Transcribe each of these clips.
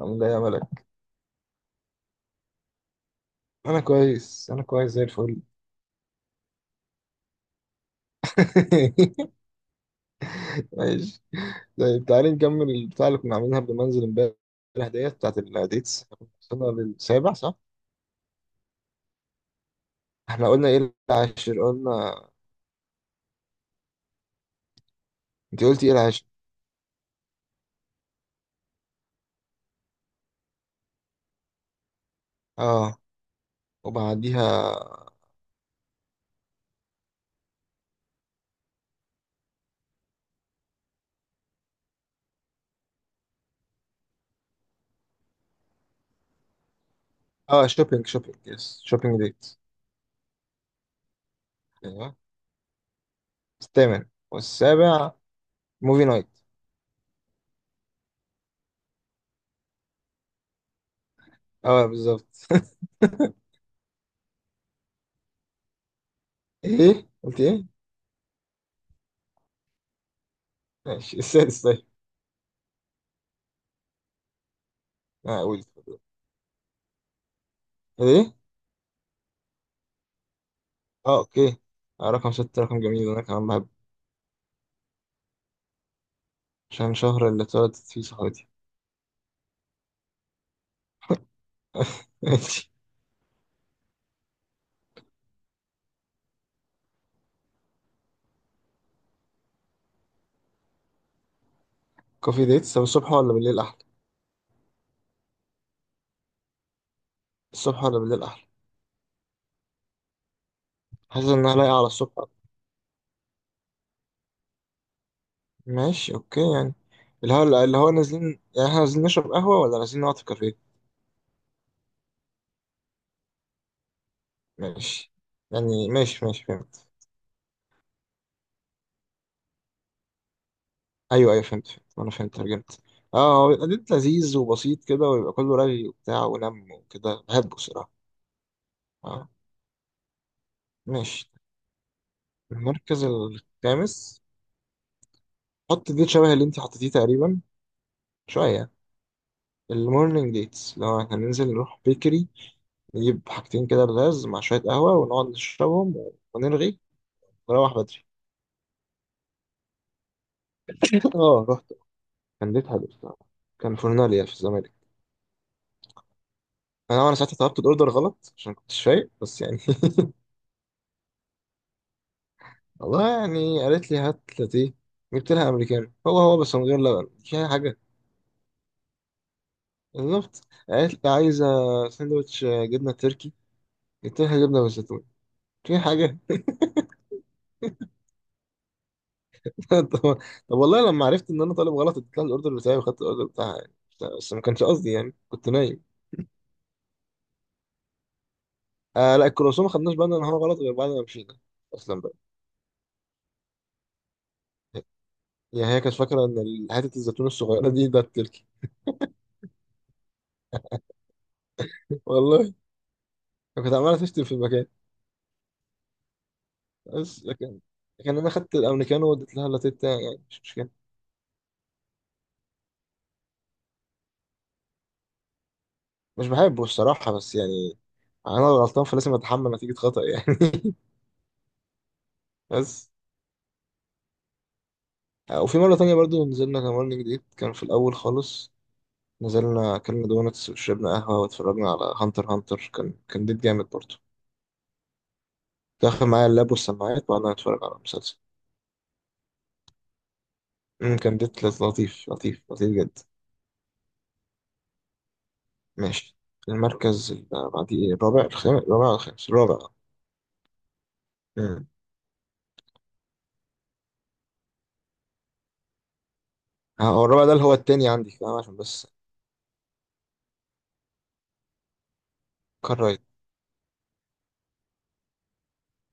عامل ايه يا ملك؟ انا كويس، انا كويس زي الفل. ماشي. طيب، تعالي نكمل البتاع اللي كنا عاملينها قبل ما انزل امبارح. ديت بتاعت الديتس، إحنا كنا وصلنا للسابع، صح؟ احنا قلنا ايه؟ العاشر، قلنا. انت قلتي ايه؟ العاشر. اه، وبعديها؟ اه، شوبينج، شوبينج، يس، شوبينج ديت. ايوه. الثامن والسابع. موفي نايت. اه، بالظبط. ايه؟ قلت ايه؟ ماشي، السادس طيب. اه، قلت. ايه؟ اه، اوكي. آه، رقم ستة رقم جميل، انا كمان. عشان شهر اللي اتولدت فيه صحابتي. ماشي. كوفي ديتس، طب الصبح ولا بالليل أحلى؟ الصبح ولا بالليل أحلى؟ حاسس إنها لايقة على الصبح. ماشي، أوكي يعني. اللي هو نازلين يعني، إحنا نازلين نشرب قهوة ولا نازلين نقعد في كافيه؟ ماشي. يعني ماشي، ماشي، فهمت. أيوه، أيوه، فهمت، فهمت، أنا فهمت، ترجمت. أه، هو بيبقى ديت لذيذ وبسيط كده، ويبقى كله رغي وبتاع ونم وكده، بحبه الصراحة. أه. ماشي. المركز الخامس. حط ديت شبه اللي أنت حطيتيه تقريبا. شوية. المورنينج ديتس، لو احنا ننزل نروح بيكري، نجيب حاجتين كده بلاز مع شوية قهوة ونقعد نشربهم، ونرغي، ونروح بدري. اه، رحت. كان ديت حلو بصراحة. كان فورناليا في الزمالك. انا ساعتها طلبت الاوردر غلط عشان كنت شايف، بس يعني. والله يعني، قالت لي هات لاتيه. جبت لها امريكانو، هو هو بس من غير لبن، مش اي حاجة. بالظبط. قالت لي عايزة ساندوتش جبنة تركي، جبت لها جبنة بالزيتون. في حاجة. طب طب والله، لما عرفت ان انا طالب غلط اديت لها الاوردر بتاعي وخدت الاوردر بتاعها يعني. بس ما كانش قصدي يعني، كنت نايم. آه لا، الكرواسون ما خدناش بالنا ان هو غلط غير بعد ما مشينا اصلا بقى. يعني هي كانت فاكره ان حته الزيتون الصغيره دي ده التركي. والله، كانت عماله تشتم في المكان. بس لكن انا خدت الامريكانو واديت لها اللاتيه بتاعي يعني، مش مشكله. مش بحبه الصراحه، بس يعني انا الغلطان فلازم اتحمل نتيجه خطأ يعني. بس آه، وفي مره تانية برضو نزلنا، كمان جديد كان في الاول خالص. نزلنا، أكلنا دونتس وشربنا قهوة واتفرجنا على هانتر هانتر، كان ديت جامد برضه. كنت داخل معايا اللاب والسماعات، وقعدنا نتفرج على المسلسل. كان ديت لطيف، لطيف، لطيف جدا. ماشي. المركز اللي بعديه إيه؟ الرابع؟ الخامس؟ الرابع ولا الخامس؟ الرابع. أمم. ها، هو الرابع ده اللي هو التاني عندي، فاهم؟ عشان بس. كرايت.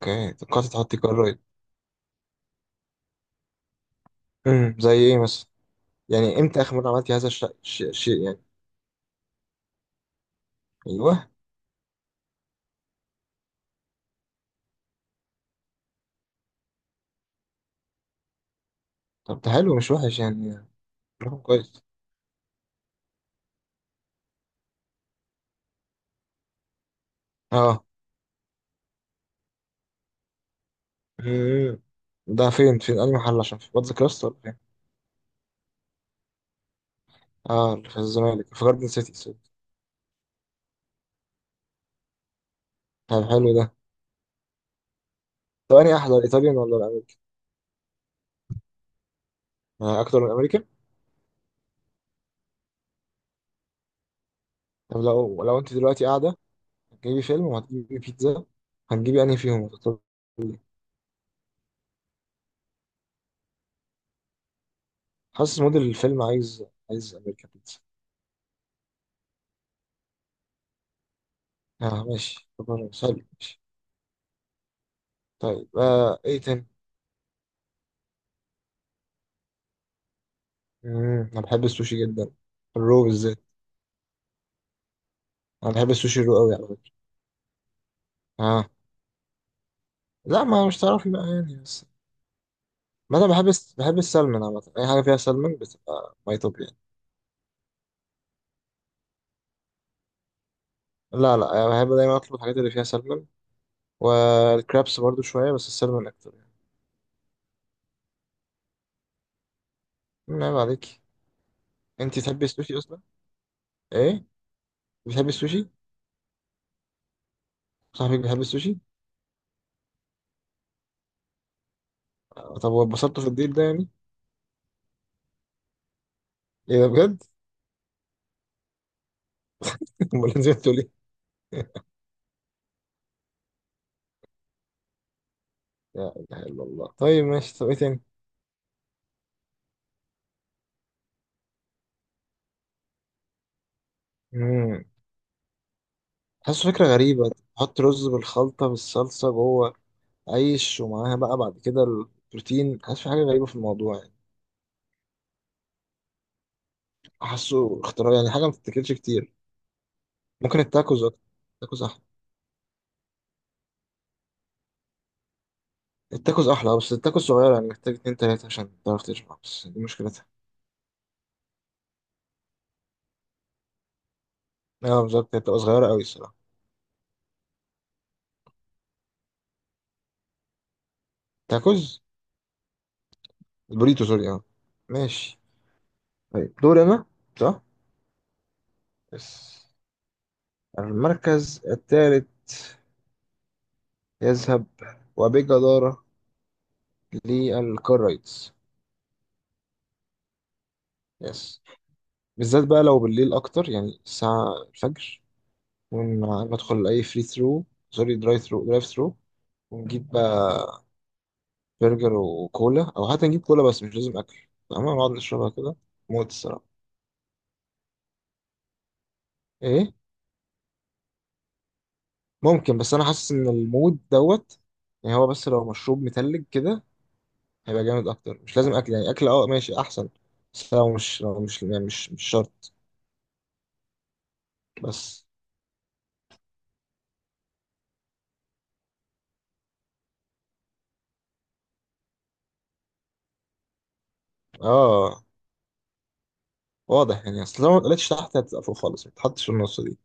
اوكي، توقعت تحطي كرايت. زي ايه مثلا؟ يعني امتى اخر مرة عملتي هذا الشيء يعني؟ ايوه. طب ده حلو، مش وحش يعني. رقم كويس. اه. مم. ده فين أي محل، عشان في باتزا كراست ولا فين؟ اه، اللي في الزمالك في جاردن سيتي، سوري. طب حلو ده. طب أنهي أحلى، الإيطاليان ولا الأمريكان؟ آه، أكتر من الأمريكان؟ طب لو أنت دلوقتي قاعدة، هتجيبي فيلم وهتجيبي بيتزا، هتجيبي أنهي فيهم؟ هتختاري إيه؟ حاسس موديل الفيلم عايز أمريكان بيتزا. اه ماشي، طب سهل، ماشي. طيب، إيه تاني؟ مم. أنا بحب السوشي جدا. الرو بالذات. أنا بحب السوشي الرو أوي، على فكرة. اه لا، ما مش تعرفي بقى يعني، بس ما انا بحب بحب السلمون عامة، اي حاجة فيها سلمون بتبقى ماي توب يعني. لا، لا، يعني بحب دايما اطلب الحاجات اللي فيها سلمون. والكرابس برضو شوية، بس السلمون اكتر يعني. مم، عيب عليك. انت تحبي السوشي اصلا؟ ايه؟ بتحبي السوشي؟ صاحبك بيحب السوشي؟ آه، طب واتبسطتوا في الديل ده يعني؟ ايه ده بجد؟ امال نزلتوا ليه؟ لا اله الا الله، طيب ماشي، طب ايه تاني؟ امم حاسس فكرة غريبة. تحط رز بالخلطة، بالصلصة جوه، عيش، ومعاها بقى بعد كده البروتين، حاسس في حاجة غريبة في الموضوع يعني. حاسه اختراع يعني، حاجه ما بتتاكلش كتير. ممكن التاكوز اكتر. التاكوز احلى. التاكوز احلى، آه، بس التاكوز صغيره يعني، محتاج اتنين تلاته عشان تعرف تشبع، بس دي مشكلتها. اه بالظبط، هي بتبقى صغيره قوي الصراحه. تاكوز. البوريتو، سوري، اه. ماشي. طيب، دور انا، صح. بس، المركز الثالث يذهب، وبجدارة، للكرايتس. يس. بالذات بقى لو بالليل أكتر، يعني الساعة الفجر، ونحاول ندخل أي فري ثرو، سوري، درايف ثرو، درايف ثرو. ونجيب بقى برجر وكولا، او حتى نجيب كولا بس مش لازم اكل، فاهمة؟ نقعد نشربها كده. موت الصراحة. ايه؟ ممكن، بس انا حاسس ان المود دوت. يعني هو، بس لو مشروب متلج كده هيبقى جامد اكتر، مش لازم اكل، يعني اكل اه ماشي احسن. بس لو مش يعني مش شرط. بس. اه، واضح يعني، اصل لو ما اتقلتش تحت هتبقى فوق خالص، ما تتحطش في النص دي.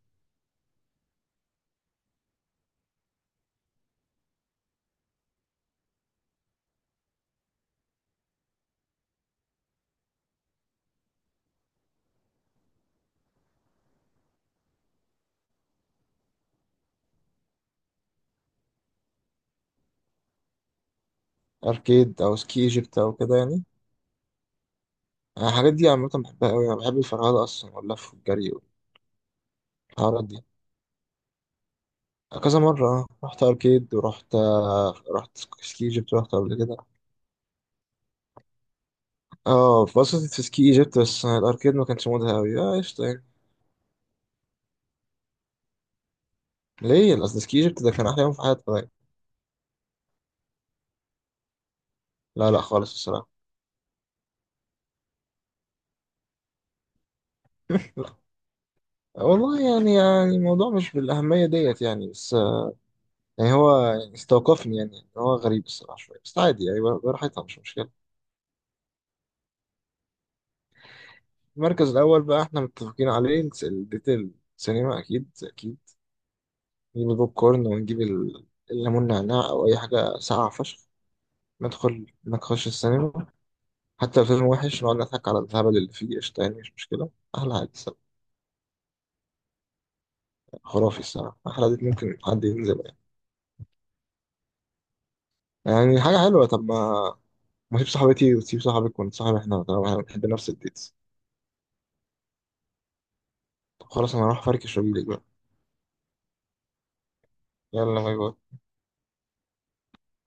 اركيد او سكي ايجيبت او كده يعني؟ أنا الحاجات دي عامة بحبها قوي، انا بحب الفرهدة اصلا واللف والجري والحوارات دي. كذا مرة، اه رحت أركيد، ورحت آه، رحت سكي ايجيبت، رحت قبل كده. اه اتبسطت في سكي ايجيبت، بس الأركيد ما كانش مودها أوي، اه قشطة يعني. ليه؟ أصل سكي ايجيبت ده كان أحلى يوم في حياتي يعني. لا، لا، خالص الصراحة. لا، والله يعني الموضوع مش بالأهمية ديت يعني، بس آه، يعني هو يعني استوقفني يعني، هو غريب الصراحة شوية، بس عادي يعني، براحتها مش مشكلة. المركز الأول بقى احنا متفقين عليه، الديتيل، سينما، أكيد، أكيد. نجيب البوب كورن ونجيب الليمون نعناع أو أي حاجة ساقعة فشخ. ندخل نخش السينما، حتى لو فيلم وحش نقعد نضحك على الهبل اللي فيه، قشطة يعني، مش مشكلة. أحلى عادي الصراحة. خرافي الصراحة، أحلى عادي، ممكن حد ينزل يعني. يعني حاجة حلوة، طب ما تسيب صاحبتي وتسيب صاحبك ونتصاحب احنا، طالما احنا بنحب نفس الديتس. طب خلاص، أنا هروح أفركش وأجيلك بقى. يلا، باي باي.